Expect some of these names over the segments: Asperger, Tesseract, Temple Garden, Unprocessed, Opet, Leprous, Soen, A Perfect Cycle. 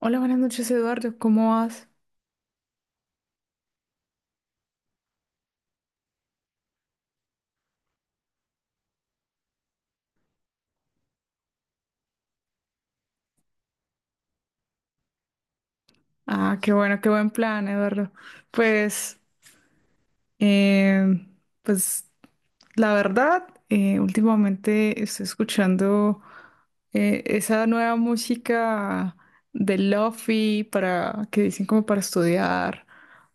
Hola, buenas noches, Eduardo. ¿Cómo vas? Ah, qué bueno, qué buen plan, Eduardo. Pues, eh, pues, la verdad, últimamente estoy escuchando esa nueva música de lofi para que dicen como para estudiar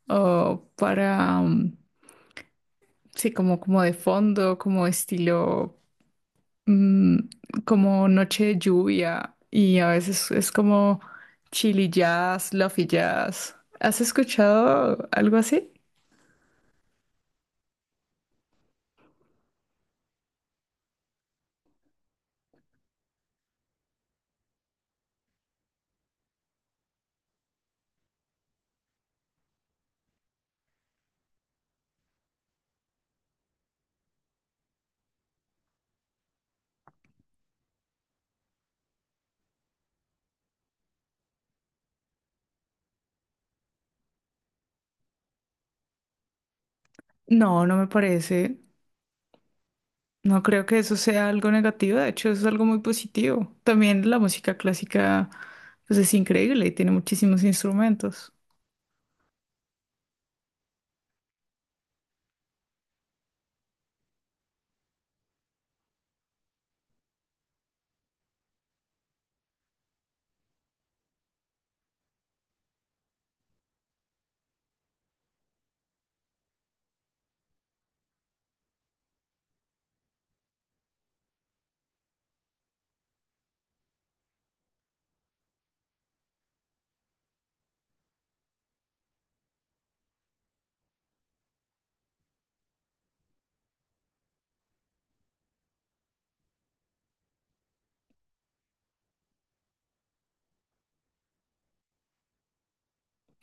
o para, sí, como de fondo, como estilo. mm, Como noche de lluvia y a veces es como chili jazz, lofi jazz. ¿Has escuchado algo así? No, no me parece. No creo que eso sea algo negativo, de hecho es algo muy positivo. También la música clásica pues es increíble y tiene muchísimos instrumentos.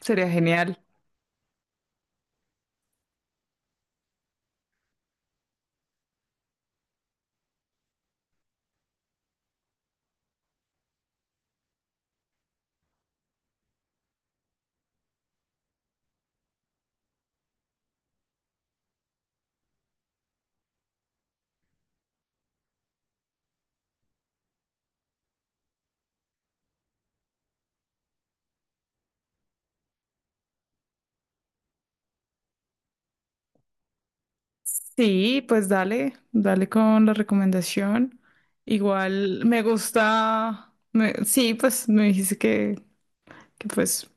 Sería genial. Sí, pues dale, dale con la recomendación. Igual me gusta, sí, pues me dijiste que pues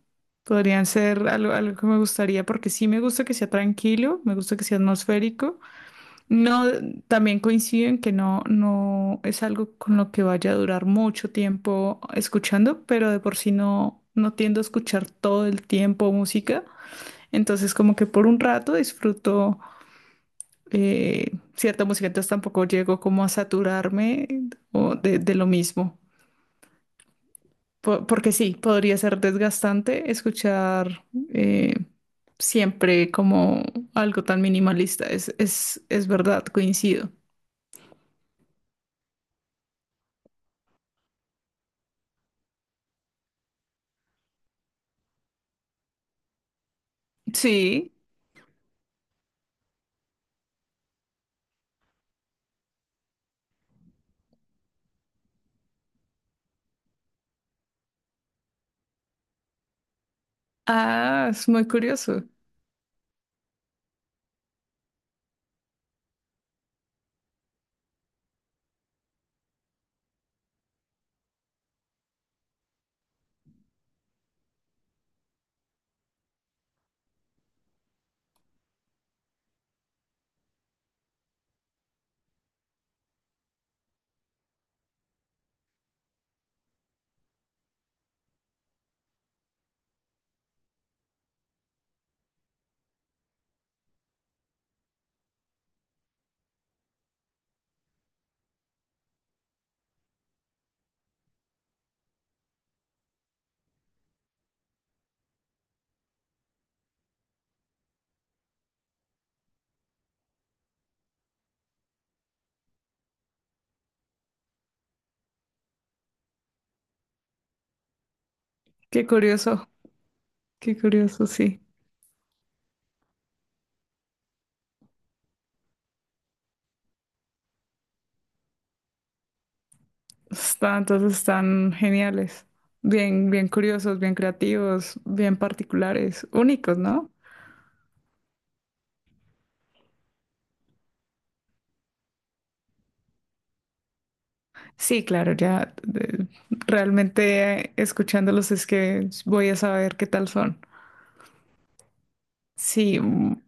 podrían ser algo, algo que me gustaría, porque sí me gusta que sea tranquilo, me gusta que sea atmosférico. No, también coincido en que no, no es algo con lo que vaya a durar mucho tiempo escuchando, pero de por sí no, no tiendo a escuchar todo el tiempo música. Entonces como que por un rato disfruto cierta música, entonces tampoco llego como a saturarme o de lo mismo. Porque sí, podría ser desgastante escuchar eh, siempre como algo tan minimalista. Es verdad, coincido. Sí. Ah, es muy curioso. Qué curioso, qué curioso, sí. Están, entonces están geniales. Bien, bien curiosos, bien creativos, bien particulares, únicos, ¿no? Sí, claro, realmente escuchándolos es que voy a saber qué tal son. Sí,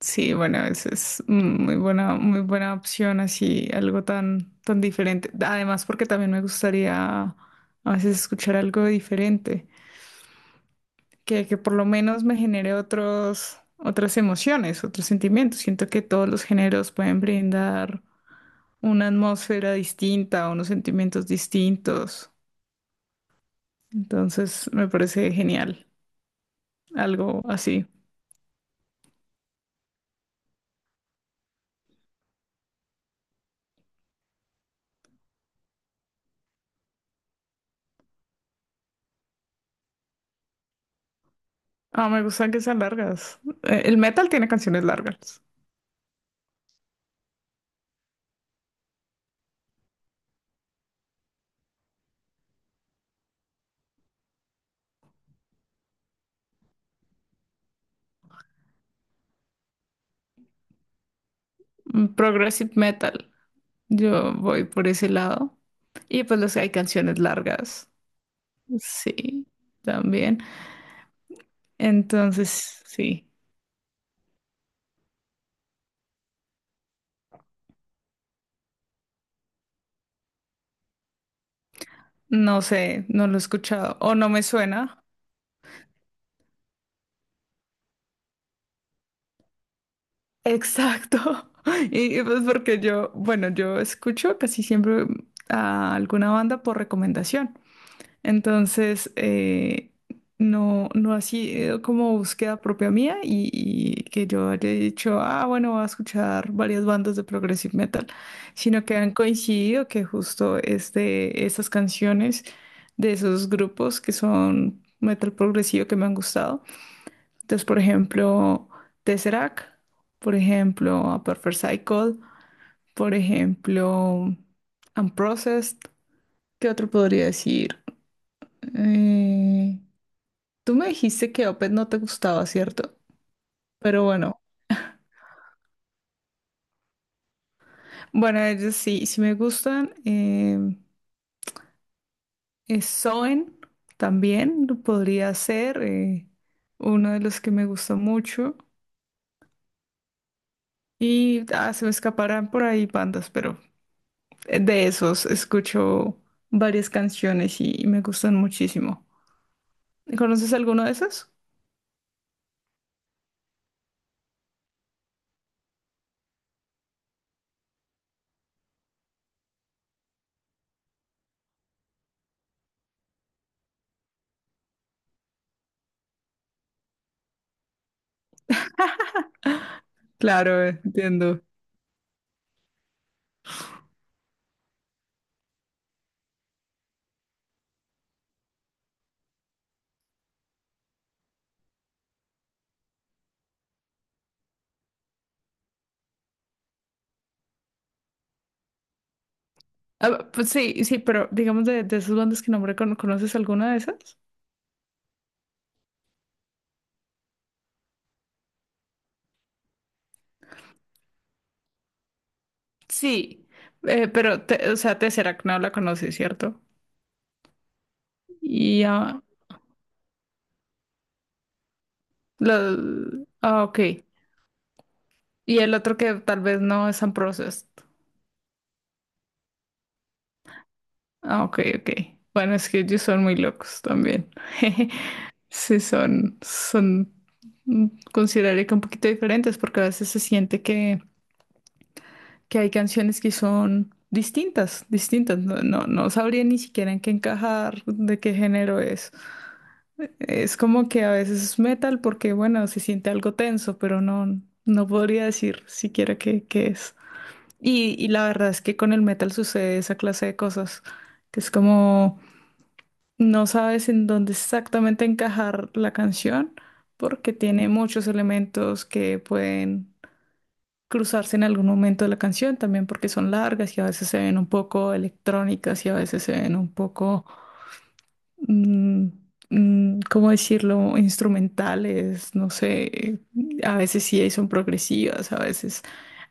sí, bueno, esa es muy buena opción, así, algo tan, tan diferente. Además, porque también me gustaría a veces escuchar algo diferente, que por lo menos me genere otros, otras emociones, otros sentimientos. Siento que todos los géneros pueden brindar una atmósfera distinta, unos sentimientos distintos. Entonces, me parece genial, algo así. Ah, me gustan que sean largas. El metal tiene canciones largas. Progressive metal. Yo voy por ese lado. Y pues los, hay canciones largas. Sí, también. Entonces, sí, no sé, no lo he escuchado o no me suena. Exacto. Pues porque yo, bueno, yo escucho casi siempre a alguna banda por recomendación. Entonces, no, no ha sido como búsqueda propia mía y que yo haya dicho, ah, bueno, voy a escuchar varias bandas de progressive metal, sino que han coincidido que justo es de esas canciones de esos grupos que son metal progresivo que me han gustado. Entonces, por ejemplo, Tesseract, por ejemplo, A Perfect Cycle, por ejemplo, Unprocessed, ¿qué otro podría decir? Eh, Tú me dijiste que Opet no te gustaba, ¿cierto? Pero bueno, bueno, ellos sí, sí me gustan. Soen también podría ser uno de los que me gusta mucho. Se me escaparán por ahí bandas, pero de esos escucho varias canciones y me gustan muchísimo. ¿Conoces alguno de esos? Claro, entiendo. Ah, pues sí, sí, pero digamos de esas bandas que nombré, ¿conoces alguna de esas? Sí, o sea, Tesseract no la conoces, ¿cierto? Y ah, ok. Y el otro que tal vez no es Unprocessed. Ah, ok, ok. Bueno, es que ellos son muy locos también. Sí, mm, consideraría que un poquito diferentes porque a veces se siente que hay canciones que son distintas, distintas. No, no, no sabría ni siquiera en qué encajar, de qué género es. Es como que a veces es metal porque, bueno, se siente algo tenso, pero no, no podría decir siquiera qué, qué es. Y la verdad es que con el metal sucede esa clase de cosas, que es como no sabes en dónde exactamente encajar la canción porque tiene muchos elementos que pueden cruzarse en algún momento de la canción, también porque son largas y a veces se ven un poco electrónicas y a veces se ven un poco mm, ¿cómo decirlo? Instrumentales, no sé, a veces son progresivas, a veces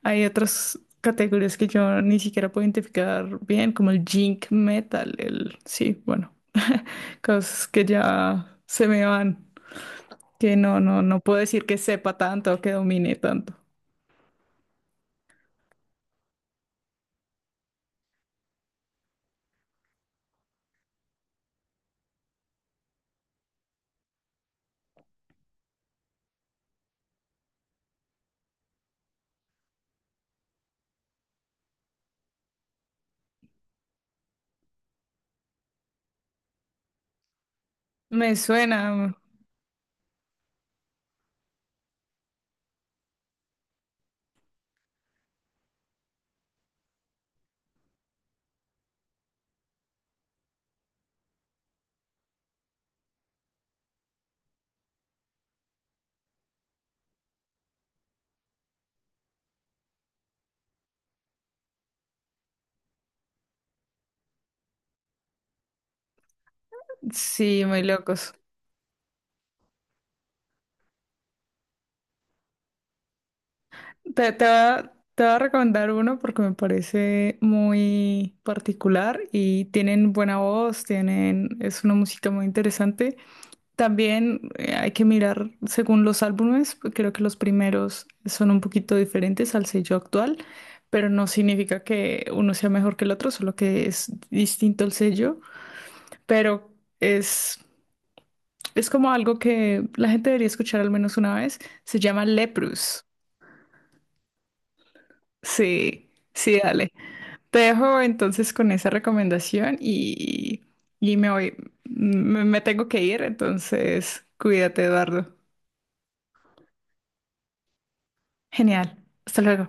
hay otras categorías que yo ni siquiera puedo identificar bien, como el jink metal, el, sí, bueno, cosas que ya se me van, que no, no, no puedo decir que sepa tanto o que domine tanto. Me suena, sí, muy locos. Te voy a recomendar uno porque me parece muy particular y tienen buena voz, tienen, es una música muy interesante. También hay que mirar según los álbumes, creo que los primeros son un poquito diferentes al sello actual, pero no significa que uno sea mejor que el otro, solo que es distinto el sello, pero es, es como algo que la gente debería escuchar al menos una vez. Se llama Leprous. Sí, sí, dale. Te dejo entonces con esa recomendación y me voy, me tengo que ir, entonces cuídate, Eduardo. Genial. Hasta luego.